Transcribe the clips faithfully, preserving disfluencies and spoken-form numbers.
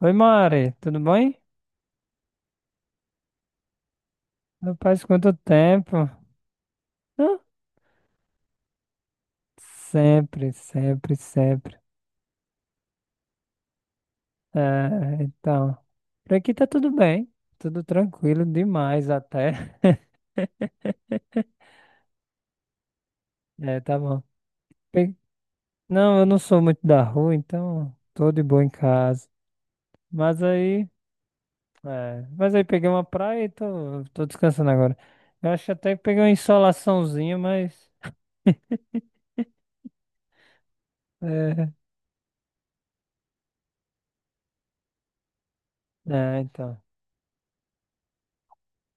Oi, Mari, tudo bem? Rapaz, quanto tempo? Hã? Sempre, sempre, sempre. É, então, por aqui tá tudo bem, tudo tranquilo demais até. É, tá bom. Pe- Não, eu não sou muito da rua, então tô de boa em casa. Mas aí, é, mas aí peguei uma praia e tô, tô descansando agora. Eu acho até que peguei uma insolaçãozinha, mas. É, é, então.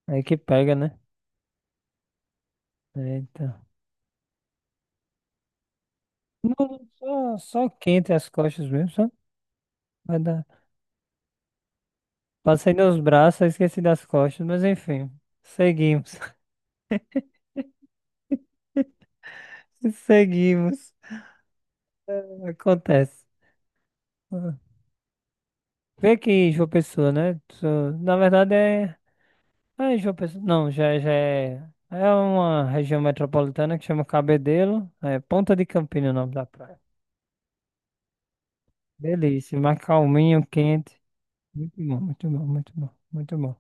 Aí que pega, né? É, então. Não, só, só quente as costas mesmo, só. Vai dar. Passei nos braços, aí esqueci das costas, mas enfim, seguimos. Seguimos. Acontece. Ah. Vê aqui, João Pessoa, né? Tu- Na verdade é. Ah, é João Pessoa. Não, já, já é. É uma região metropolitana que chama Cabedelo. É Ponta de Campina o nome da praia. Delícia, mas calminho, quente. Muito bom, muito bom, muito bom, muito bom.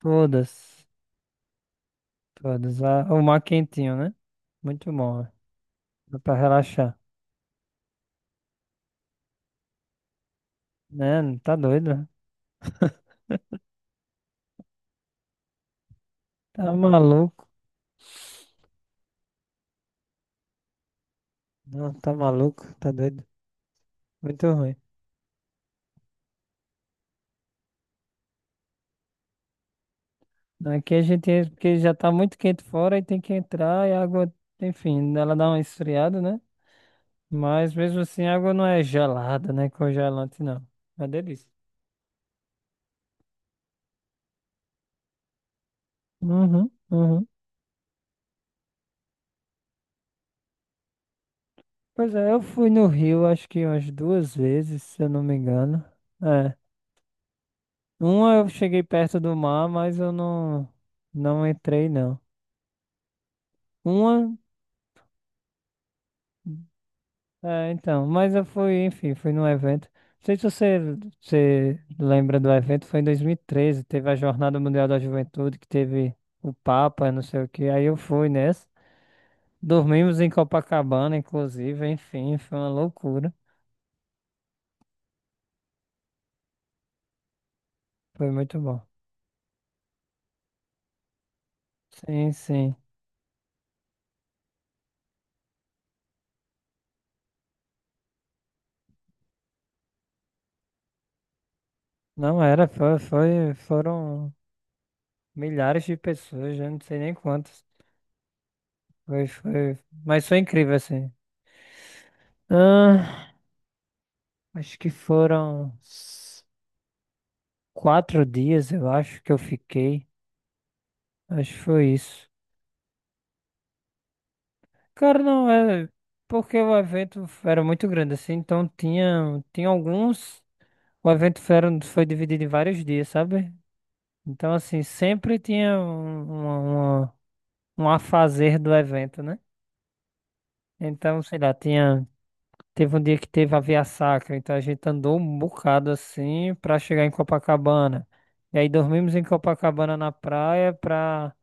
Todas, todas. Ah, o mar quentinho, né? Muito bom. né? Dá pra relaxar. Né? Não tá doido? Né? Tá maluco. Não, tá maluco, tá doido. Muito ruim. Aqui a gente entra porque já tá muito quente fora e tem que entrar e a água, enfim, ela dá uma esfriada, né? Mas mesmo assim a água não é gelada, né? Congelante não. É uma delícia. Uhum, uhum. Pois é, eu fui no Rio acho que umas duas vezes, se eu não me engano. É. Uma eu cheguei perto do mar, mas eu não, não entrei não. Uma. É, então, mas eu fui, enfim, fui num evento. Não sei se você, você lembra do evento, foi em dois mil e treze, teve a Jornada Mundial da Juventude, que teve o Papa, não sei o que. Aí eu fui nessa. Dormimos em Copacabana, inclusive, enfim, foi uma loucura. Foi muito bom. Sim, sim. Não era, foi, foi- foram milhares de pessoas, já não sei nem quantas. Foi, foi, mas foi incrível, assim. Ah, acho que foram. quatro dias, eu acho que eu fiquei. Acho que foi isso. Cara, não, é porque o evento era muito grande assim, então tinha, tinha alguns. O evento foi, foi dividido em vários dias, sabe? Então, assim, sempre tinha um, uma, uma- um afazer do evento, né? Então, sei lá, tinha. Teve um dia que teve a Via Sacra, então a gente andou um bocado assim pra chegar em Copacabana. E aí dormimos em Copacabana na praia pra.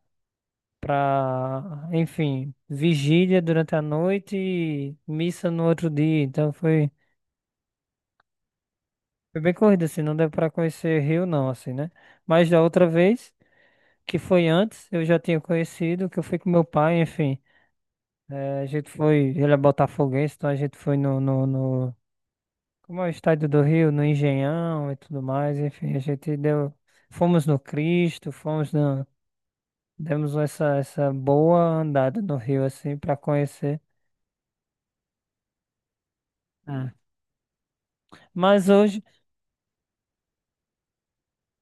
pra, enfim, vigília durante a noite e missa no outro dia. Então foi, foi bem corrido, assim, não deu para conhecer Rio, não, assim, né? Mas da outra vez, que foi antes, eu já tinha conhecido, que eu fui com meu pai, enfim. Eh, a gente foi, ele é botafoguense, então a gente foi no, no, no, como é o estádio do Rio, no Engenhão e tudo mais, enfim, a gente deu, fomos no Cristo, fomos na, demos essa, essa boa andada no Rio, assim, para conhecer. Ah, mas hoje,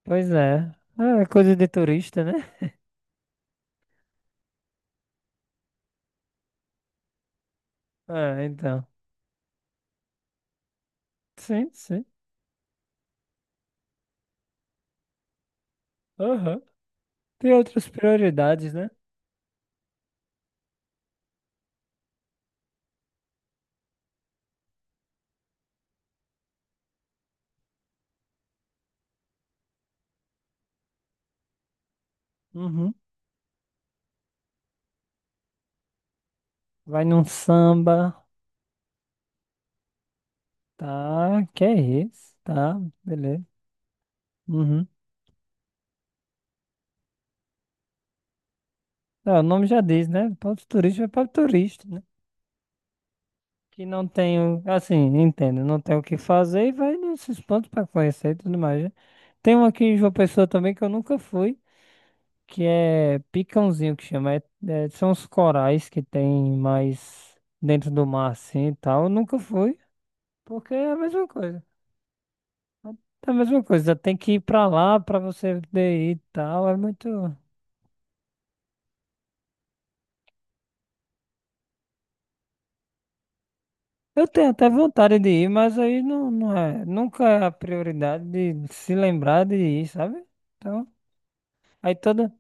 pois é. Ah, é coisa de turista, né? Ah, então. Sim, sim. Aham. Tem outras prioridades, né? Uhum. Vai num samba, tá? Que é isso? Tá, beleza. Uhum. Ah, o nome já diz, né? Para os turistas, vai para o turista, né? Que não tem, o- assim, entendo, não tem o que fazer e vai nesses pontos para conhecer e tudo mais, né? Tem um aqui em João Pessoa também que eu nunca fui. que é picãozinho que chama. É- é- são os corais que tem mais dentro do mar assim e tal. Eu nunca fui, porque é a mesma coisa. É a mesma coisa, tem que ir pra lá pra você poder ir e tal. É muito. Eu tenho até vontade de ir, mas aí não, não é. Nunca é a prioridade de se lembrar de ir, sabe? Então, aí toda,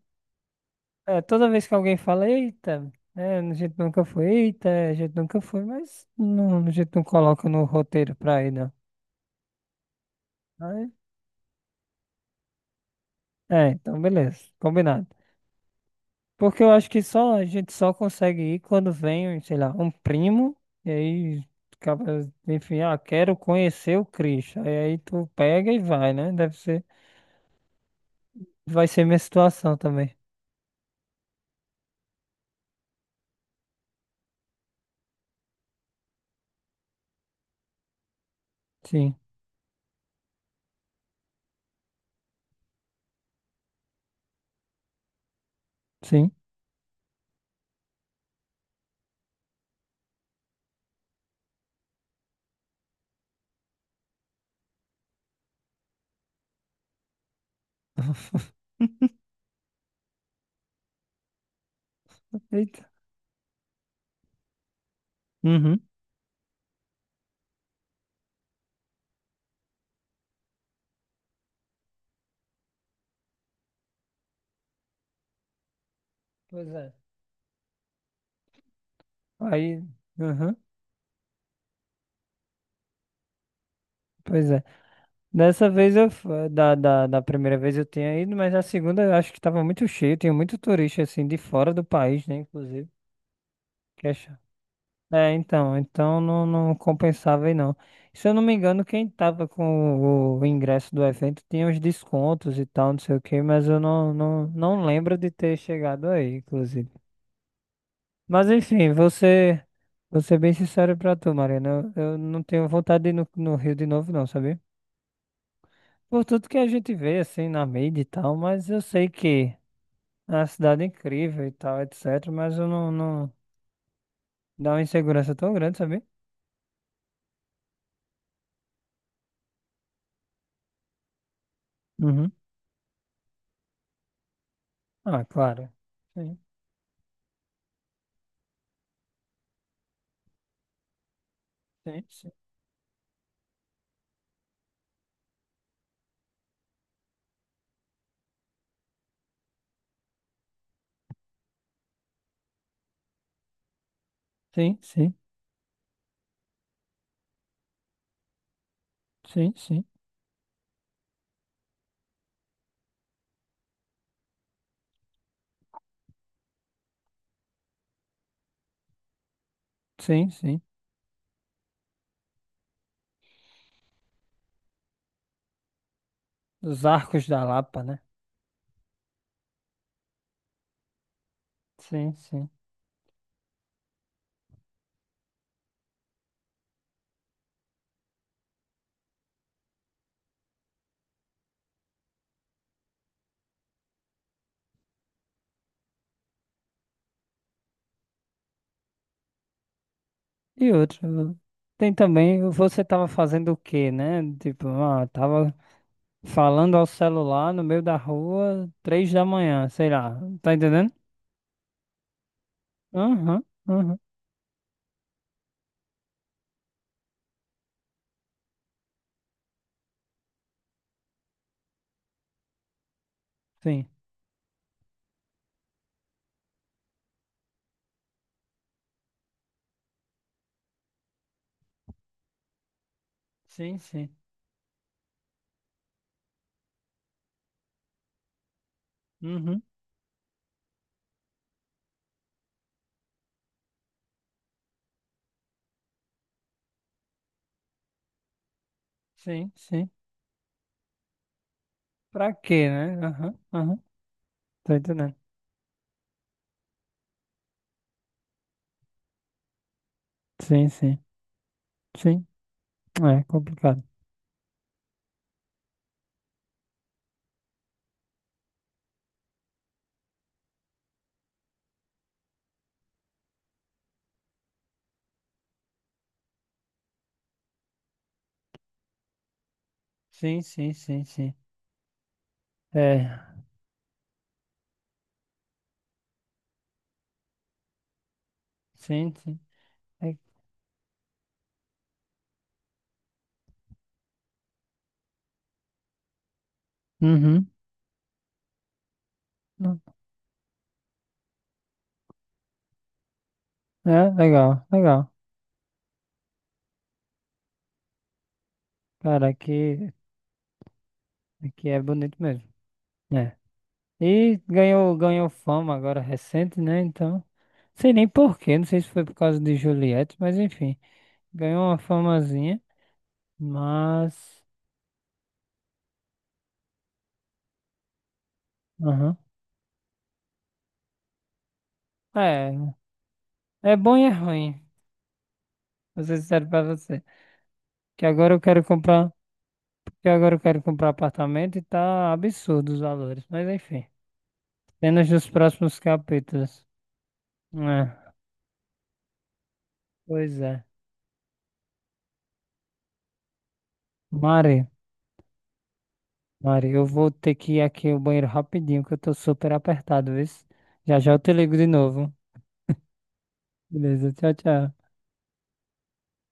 é, toda vez que alguém fala, eita. É, a gente nunca foi, eita, a gente nunca foi, mas não, a gente não coloca no roteiro pra ir, não. É, então beleza, combinado. Porque eu acho que só a gente só consegue ir quando vem, sei lá, um primo, e aí, acaba, enfim, ah, quero conhecer o Cristo. Aí, aí tu pega e vai, né? Deve ser, vai ser minha situação também. Sim, sim. Eita. Uhum. Pois é. Aí, uhum. Pois é. Dessa vez eu, f- da, da, da primeira vez eu tinha ido, mas a segunda eu acho que tava muito cheio, tinha muito turista assim de fora do país, né, inclusive. É, então, então não, não compensava aí não. Se eu não me engano, quem tava com o ingresso do evento tinha os descontos e tal, não sei o que, mas eu não, não, não lembro de ter chegado aí, inclusive. Mas enfim, você, vou ser bem sincero pra tu, Mariana, eu, eu não tenho vontade de ir no, no Rio de novo não, sabia? Por tudo que a gente vê, assim, na mídia e tal, mas eu sei que é uma cidade incrível e tal, etc, mas eu não, não... Dá uma insegurança tão grande, sabia? Uhum. Ah, claro. Sim. Sim, sim, sim, sim, sim, sim, sim, sim. Os Arcos da Lapa, né? Sim, sim. E outro, tem também, você tava fazendo o quê, né? Tipo, ah, tava falando ao celular no meio da rua, três da manhã, sei lá, tá entendendo? Aham, aham, sim, sim, sim, uhum, sim, sim. Pra quê, né? Aham, aham, tá entendendo? Sim, sim, sim, é complicado. Sim, sim, sim, sim, é, sim, sim. É. Uhum. Não. É, legal, legal. Cara, aqui, aqui é bonito mesmo. É. E ganhou, ganhou fama agora recente, né? Então, sei nem porquê, não sei se foi por causa de Juliette, mas enfim, ganhou uma famazinha, mas. Aham. É, é bom e é ruim, vou ser sincero pra você. Que agora eu quero comprar, que agora eu quero comprar apartamento e tá absurdo os valores, mas enfim, apenas nos próximos capítulos. É, pois é. Mari. Mari, eu vou ter que ir aqui ao banheiro rapidinho, que eu tô super apertado, viu? Já já eu te ligo de novo. Beleza, tchau, tchau.